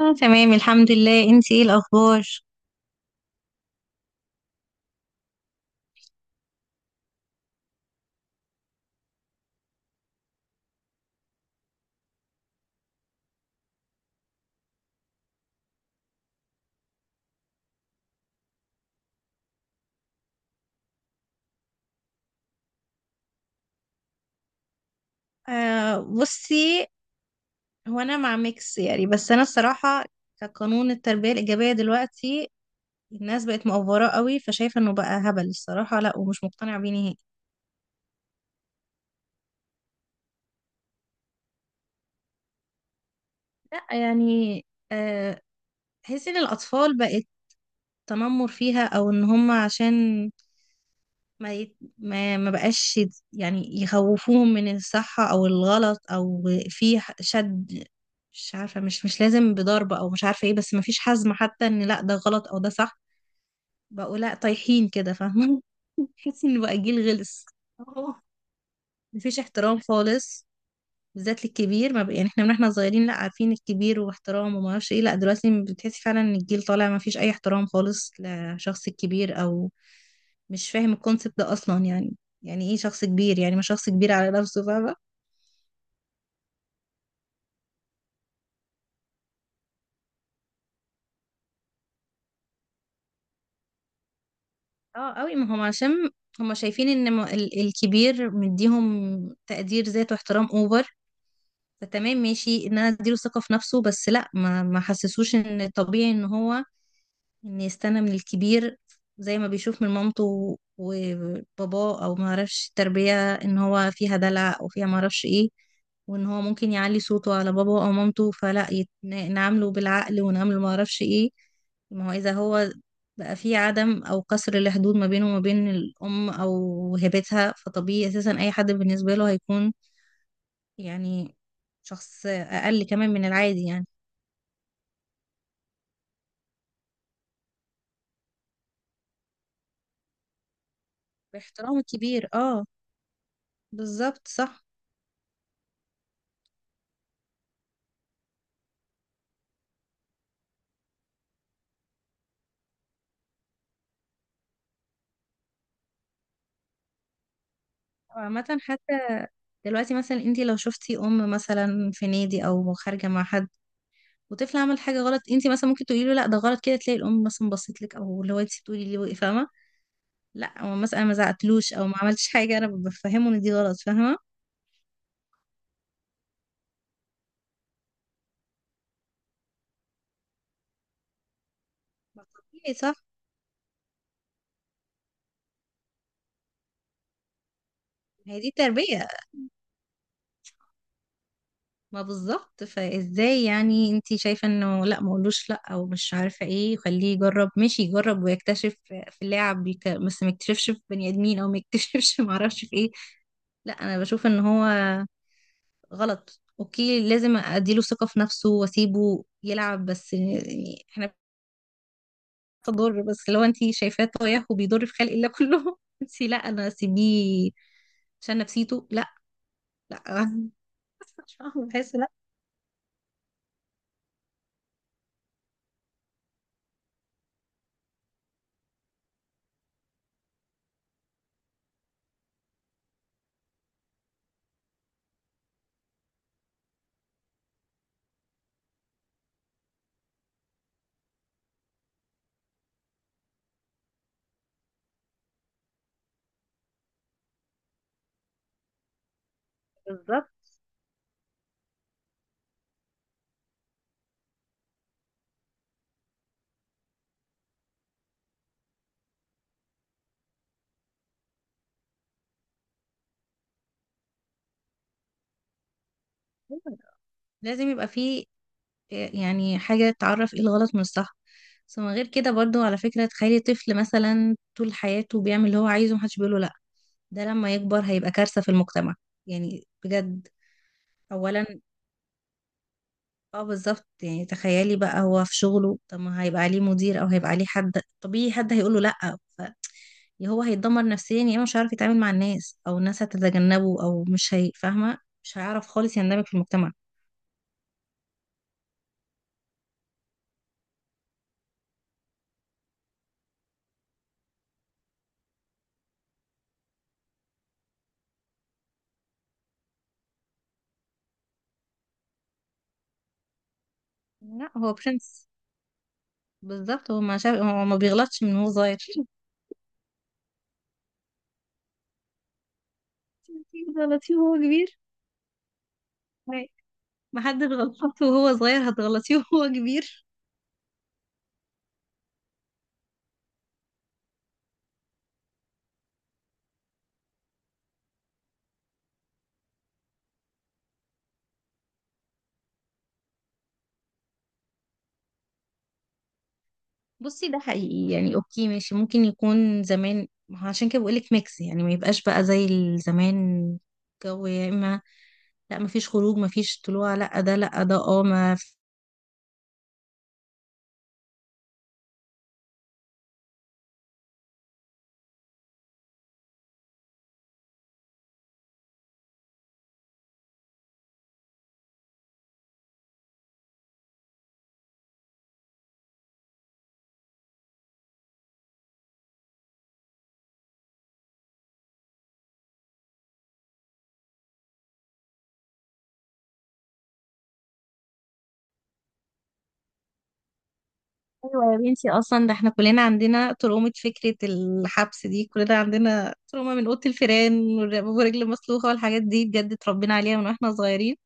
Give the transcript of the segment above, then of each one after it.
اه، تمام الحمد لله. انتي ايه الاخبار؟ آه، بصي، هو انا مع ميكس يعني. بس انا الصراحه كقانون التربيه الايجابيه دلوقتي، الناس بقت مقفره قوي، فشايفه انه بقى هبل الصراحه. لا، ومش مقتنعه بيه نهائي. لا يعني، آه تحسي ان الاطفال بقت تنمر فيها، او ان هم عشان ما يت... ما ما بقاش يت- يعني يخوفوهم من الصح او الغلط، او في شد، مش عارفه، مش لازم بضرب او مش عارفه ايه. بس ما فيش حزم حتى ان لا ده غلط او ده صح. بقوا لا طايحين كده، فاهمه. تحسي ان بقى جيل غلس. اه. مفيش احترام خالص، بالذات للكبير. ما بق... يعني احنا من احنا صغيرين لا، عارفين الكبير واحترام وما اعرفش ايه. لا دلوقتي بتحسي فعلا ان الجيل طالع ما فيش اي احترام خالص لشخص الكبير، او مش فاهم الكونسبت ده اصلا. يعني يعني ايه شخص كبير؟ يعني ما شخص كبير على نفسه، فاهمه. اه قوي، ما هم عشان هم شايفين ان الكبير مديهم تقدير ذات واحترام اوفر. فتمام ماشي ان انا اديله ثقه في نفسه، بس لا، ما حسسوش ان الطبيعي ان هو، ان يستنى من الكبير زي ما بيشوف من مامته وباباه. او ما اعرفش التربية ان هو فيها دلع او فيها ما اعرفش ايه، وان هو ممكن يعلي صوته على باباه او مامته فلا نعامله بالعقل ونعامله ما اعرفش ايه. ما هو اذا هو بقى في عدم، او كسر الحدود ما بينه وما بين الام او هبتها، فطبيعي اساسا اي حد بالنسبة له هيكون يعني شخص اقل كمان من العادي، يعني. باحترام الكبير، اه بالظبط صح. عامة دلوقتي مثلا انت لو شفتي ام مثلا في نادي او خارجه مع حد وطفل عمل حاجه غلط، انت مثلا ممكن تقولي له لا ده غلط كده، تلاقي الام مثلا بصيت لك، او اللي هو انت بتقولي لي وقف، فاهمه. لا هو مثلا، أنا ما زعقتلوش او ما عملتش حاجه، انا بفهمه ان دي غلط، فاهمه. ما طبيعي، صح. ما هي دي تربيه. ما بالظبط. فازاي يعني انت شايفه انه لا، ما اقولوش لا او مش عارفه ايه، خليه يجرب، ماشي يجرب ويكتشف في اللاعب بس ما يكتشفش في بني ادمين، او ما يكتشفش ما اعرفش في ايه. لا، انا بشوف ان هو غلط، اوكي لازم اديله ثقة في نفسه واسيبه يلعب، بس يعني احنا بنضر. بس لو انت شايفاه طايح وبيضر في خلق الله كله، انت لا، انا اسيبيه عشان نفسيته؟ لا، لا. بحس لا. بالظبط. لازم يبقى فيه يعني حاجة تعرف ايه الغلط من الصح. بس من غير كده برضو، على فكرة تخيلي طفل مثلا طول حياته بيعمل اللي هو عايزه ومحدش بيقوله لا، ده لما يكبر هيبقى كارثة في المجتمع، يعني بجد. أولا. اه بالظبط. يعني تخيلي بقى هو في شغله، طب ما هيبقى عليه مدير، او هيبقى عليه حد طبيعي حد هيقول له لا. ف، يا هو هيتدمر نفسيا، يا اما مش هيعرف يتعامل مع الناس، او الناس هتتجنبه او مش هي، فاهمه. مش هيعرف خالص يندمج في المجتمع. لا هو برنس، بالظبط. هو ما شاف، هو ما بيغلطش من هو صغير. انتي بتغلطيه وهو كبير. ما حد بيغلط وهو صغير، هتغلطيه وهو كبير. بصي، ده حقيقي يعني، اوكي ماشي ممكن يكون زمان. ما هو عشان كده بقولك ميكس يعني، ما يبقاش بقى زي زمان. جو يا اما، لا ما فيش خروج، ما فيش طلوع، لا ده، لا ده. اه ما في- ايوه يا بنتي. اصلا ده احنا كلنا عندنا ترومة فكرة الحبس دي، كلنا عندنا ترومة من اوضة الفيران ورجل مسلوخة والحاجات دي، بجد اتربينا عليها من واحنا صغيرين.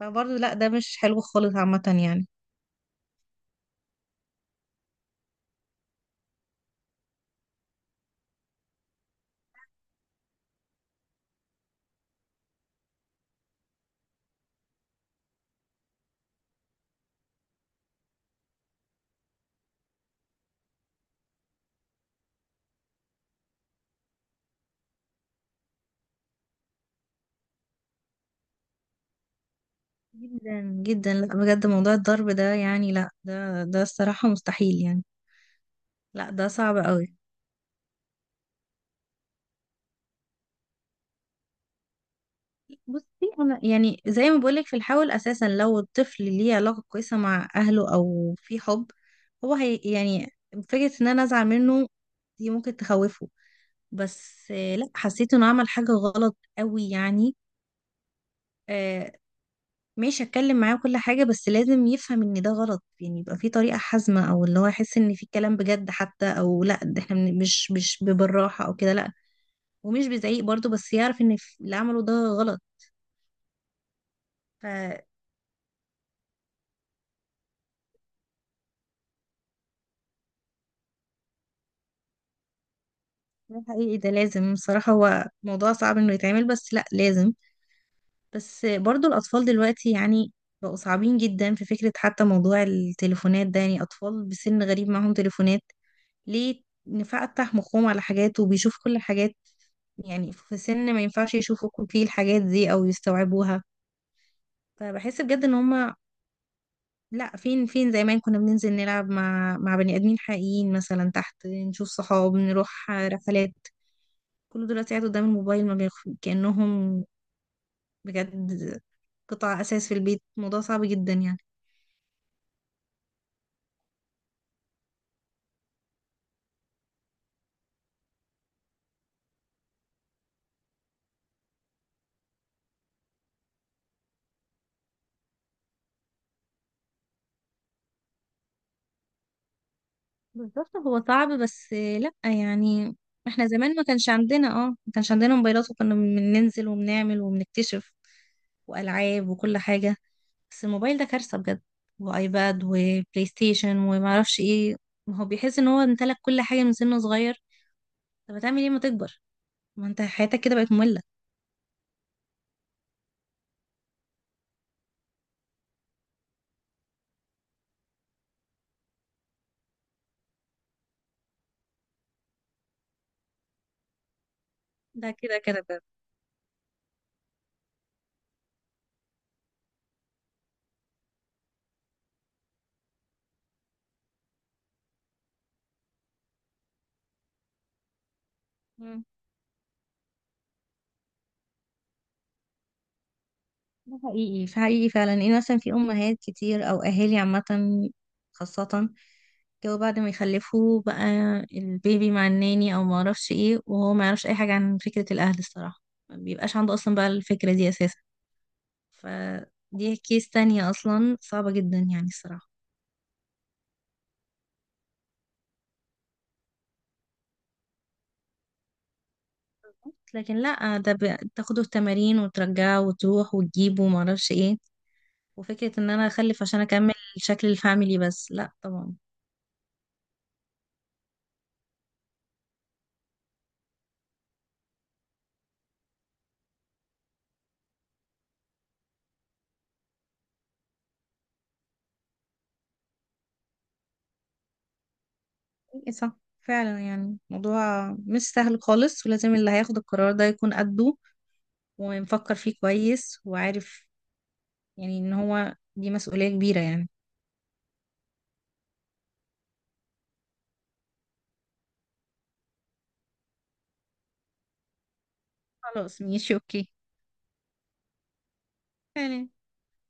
فبرضه لا، ده مش حلو خالص عامة يعني. جدا جدا، لا بجد موضوع الضرب ده يعني، لا ده الصراحة مستحيل يعني. لا ده صعب قوي. بصي، انا يعني زي ما بقولك في الحاول، اساسا لو الطفل ليه علاقة كويسة مع اهله او في حب، هو هي يعني فكرة ان انا ازعل منه دي ممكن تخوفه. بس لا، حسيت انه عمل حاجة غلط قوي يعني. آه، ماشي اتكلم معاه كل حاجة، بس لازم يفهم ان ده غلط يعني. يبقى في طريقة حازمة، او اللي هو يحس ان في كلام بجد حتى، او لا ده احنا مش بالراحة او كده لا. ومش بزعيق برضه، بس يعرف ان اللي عمله ده غلط. ده حقيقي، ده لازم بصراحة. هو موضوع صعب انه يتعمل بس لا لازم. بس برضو الأطفال دلوقتي يعني بقوا صعبين جدا، في فكرة حتى موضوع التليفونات ده، يعني أطفال بسن غريب معاهم تليفونات. ليه نفتح مخهم على حاجات وبيشوف كل الحاجات، يعني في سن ما ينفعش يشوفوا فيه الحاجات دي أو يستوعبوها. فبحس بجد ان هما لا، فين فين زمان كنا بننزل نلعب مع بني آدمين حقيقيين مثلا تحت، نشوف صحاب، نروح رحلات. كله دلوقتي قاعد قدام الموبايل، ما بيخ... كأنهم بجد قطع أساس في البيت. موضوع صعب جدا يعني. بالظبط، هو صعب بس لأ يعني. احنا زمان ما كانش عندنا موبايلات، وكنا بننزل وبنعمل وبنكتشف، وألعاب وكل حاجة. بس الموبايل ده كارثة بجد، وآيباد وبلاي ستيشن ومعرفش ايه. ما هو بيحس ان هو امتلك كل حاجة من سنه صغير، طب هتعمل ايه ما تكبر؟ ما انت حياتك كده بقت مملة. ده كده كده ده. مم. ده حقيقي، في حقيقي فعلا ان مثلا في امهات كتير او اهالي عامة خاصة، جو بعد ما يخلفوه بقى البيبي مع الناني او ما اعرفش ايه، وهو ما يعرفش اي حاجه عن فكره الاهل الصراحه، ما بيبقاش عنده اصلا بقى الفكره دي اساسا. فدي كيس تانية اصلا صعبه جدا يعني الصراحه. لكن لا، تاخده التمارين وترجعه وتروح وتجيبه وما اعرفش ايه، وفكره ان انا اخلف عشان اكمل شكل الفاميلي، بس لا طبعا. ايه صح، فعلا يعني موضوع مش سهل خالص، ولازم اللي هياخد القرار ده يكون قده ومفكر فيه كويس وعارف. يعني ان هو دي مسؤولية كبيرة يعني. خلاص ماشي اوكي. تمام.